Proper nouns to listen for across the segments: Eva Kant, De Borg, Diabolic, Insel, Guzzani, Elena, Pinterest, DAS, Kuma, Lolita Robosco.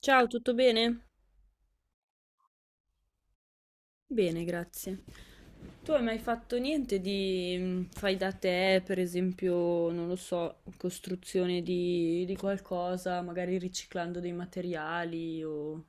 Ciao, tutto bene? Bene, grazie. Tu hai mai fatto niente di fai da te, per esempio, non lo so, costruzione di qualcosa, magari riciclando dei materiali o...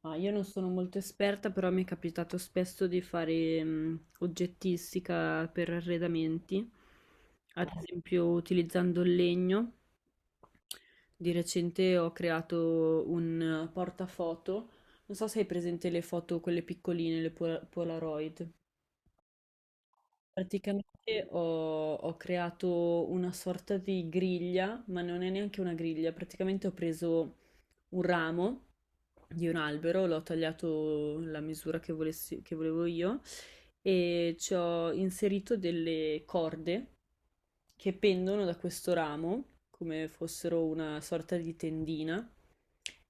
Ma io non sono molto esperta, però mi è capitato spesso di fare oggettistica per arredamenti, ad esempio utilizzando il legno. Di recente ho creato un portafoto, non so se hai presente le foto, quelle piccoline, Polaroid. Praticamente ho creato una sorta di griglia, ma non è neanche una griglia, praticamente ho preso un ramo di un albero, l'ho tagliato la misura che volevo io e ci ho inserito delle corde che pendono da questo ramo, come fossero una sorta di tendina,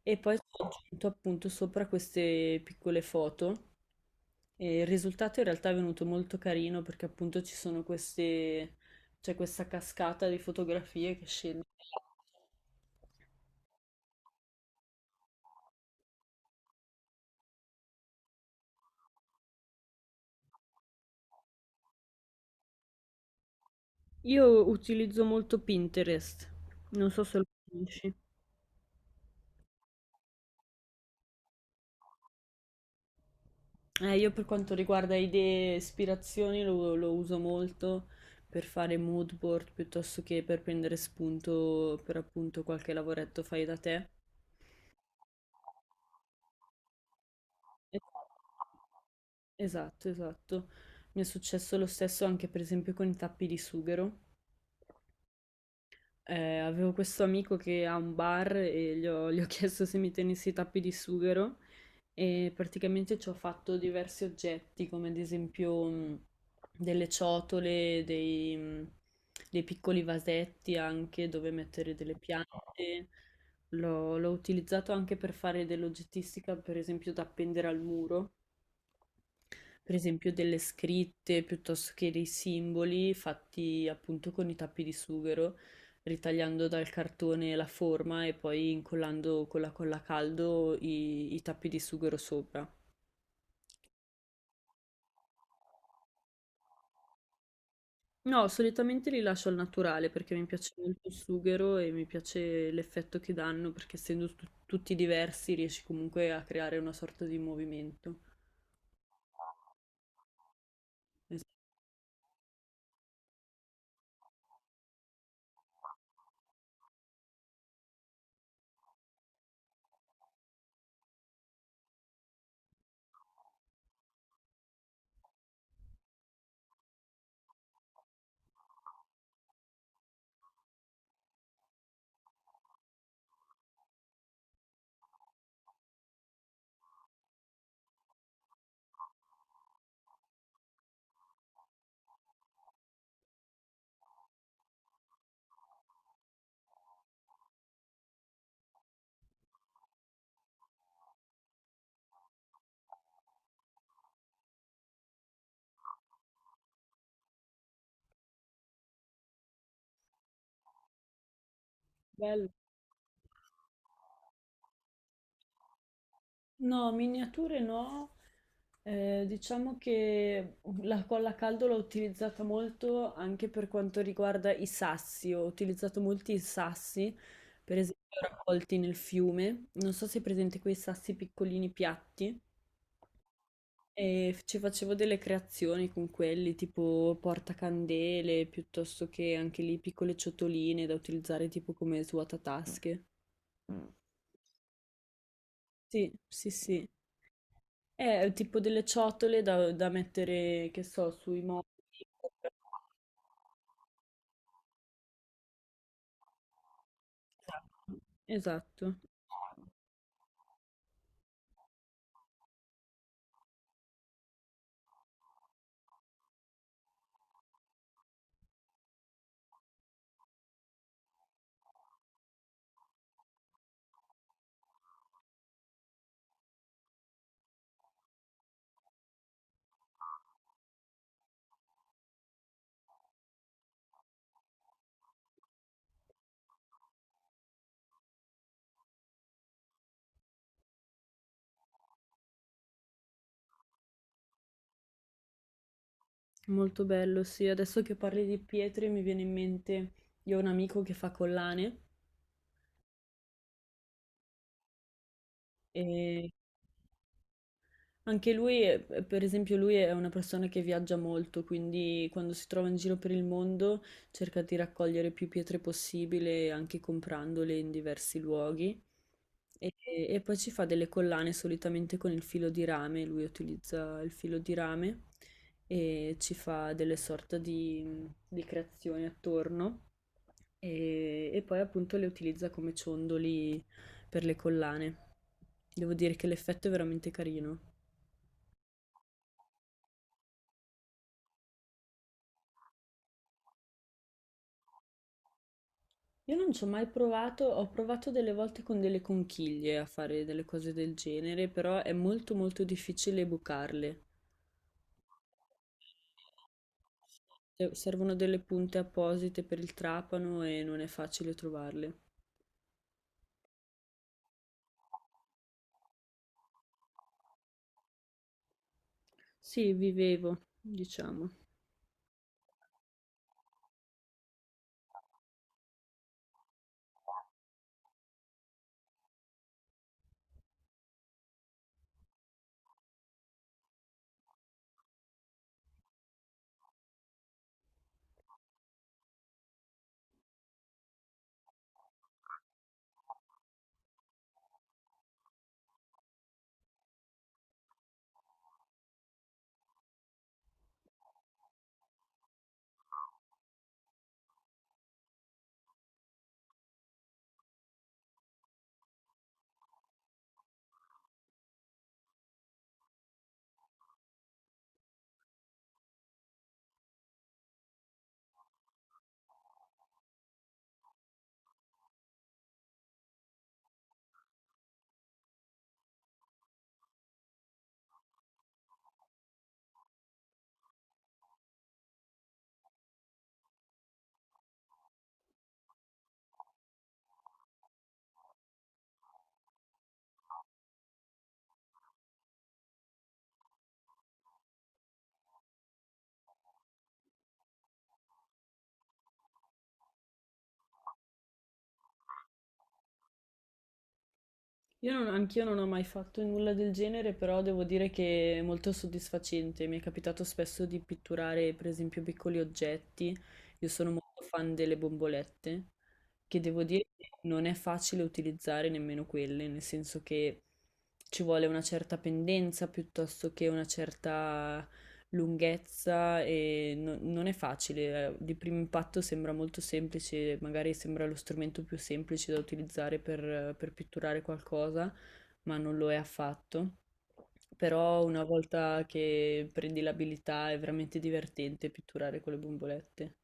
e poi ho aggiunto appunto sopra queste piccole foto. E il risultato in realtà è venuto molto carino perché appunto ci sono c'è questa cascata di fotografie che scende. Io utilizzo molto Pinterest, non so se lo conosci. Io per quanto riguarda idee e ispirazioni lo uso molto per fare mood board piuttosto che per prendere spunto per appunto qualche lavoretto fai da te. Eh, Esatto, esatto. Mi è successo lo stesso anche per esempio con i tappi di sughero. Avevo questo amico che ha un bar e gli ho chiesto se mi tenessi i tappi di sughero e praticamente ci ho fatto diversi oggetti, come ad esempio delle ciotole, dei dei piccoli vasetti anche dove mettere delle piante. L'ho utilizzato anche per fare dell'oggettistica, per esempio da appendere al muro, per esempio delle scritte piuttosto che dei simboli fatti appunto con i tappi di sughero, ritagliando dal cartone la forma e poi incollando con la colla a caldo i tappi di sughero sopra. No, solitamente li lascio al naturale perché mi piace molto il sughero e mi piace l'effetto che danno perché essendo tutti diversi riesci comunque a creare una sorta di movimento. È stato bello. No, miniature no. Diciamo che la colla a caldo l'ho utilizzata molto anche per quanto riguarda i sassi. Ho utilizzato molti sassi, per esempio raccolti nel fiume. Non so se è presente quei sassi piccolini piatti. E ci facevo delle creazioni con quelli, tipo portacandele, piuttosto che anche lì piccole ciotoline da utilizzare tipo come svuotatasche. Sì, sì, sì. È tipo delle ciotole da mettere, che so, sui mobili. Esatto, molto bello, sì. Adesso che parli di pietre mi viene in mente, io ho un amico che fa collane e anche lui, per esempio, lui è una persona che viaggia molto, quindi quando si trova in giro per il mondo cerca di raccogliere più pietre possibile, anche comprandole in diversi luoghi. E, e poi ci fa delle collane solitamente con il filo di rame, lui utilizza il filo di rame e ci fa delle sorte di creazioni attorno e poi appunto le utilizza come ciondoli per le collane. Devo dire che l'effetto è veramente carino. Io non ci ho mai provato, ho provato delle volte con delle conchiglie a fare delle cose del genere, però è molto molto difficile bucarle. Servono delle punte apposite per il trapano e non è facile trovarle. Sì, vivevo, diciamo. Io non, anch'io non ho mai fatto nulla del genere, però devo dire che è molto soddisfacente. Mi è capitato spesso di pitturare, per esempio, piccoli oggetti. Io sono molto fan delle bombolette, che devo dire che non è facile utilizzare nemmeno quelle, nel senso che ci vuole una certa pendenza piuttosto che una certa lunghezza e non è facile. Di primo impatto sembra molto semplice, magari sembra lo strumento più semplice da utilizzare per pitturare qualcosa, ma non lo è affatto. Però una volta che prendi l'abilità è veramente divertente pitturare con le bombolette.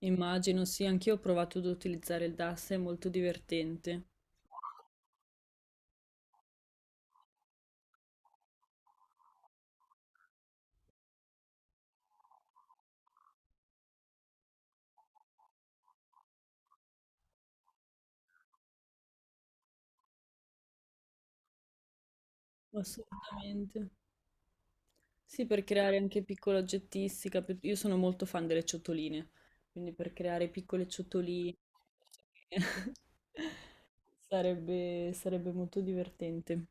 Immagino, sì, anch'io ho provato ad utilizzare il DAS, è molto divertente. Assolutamente. Sì, per creare anche piccola oggettistica, io sono molto fan delle ciotoline, quindi per creare piccole ciotoline sarebbe molto divertente.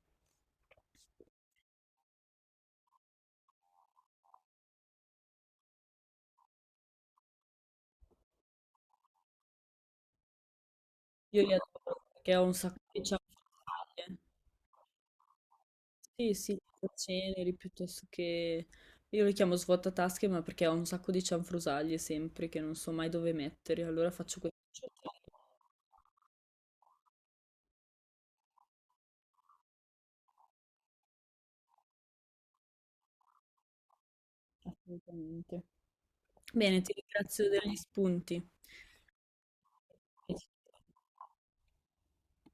Io li adoro perché ho un sacco di cianfrusaglie. Sì, sì, ceneri piuttosto che... Io li chiamo svuotatasche, ma perché ho un sacco di cianfrusaglie sempre che non so mai dove mettere, allora faccio questo. Assolutamente. Bene, ti ringrazio degli spunti. It's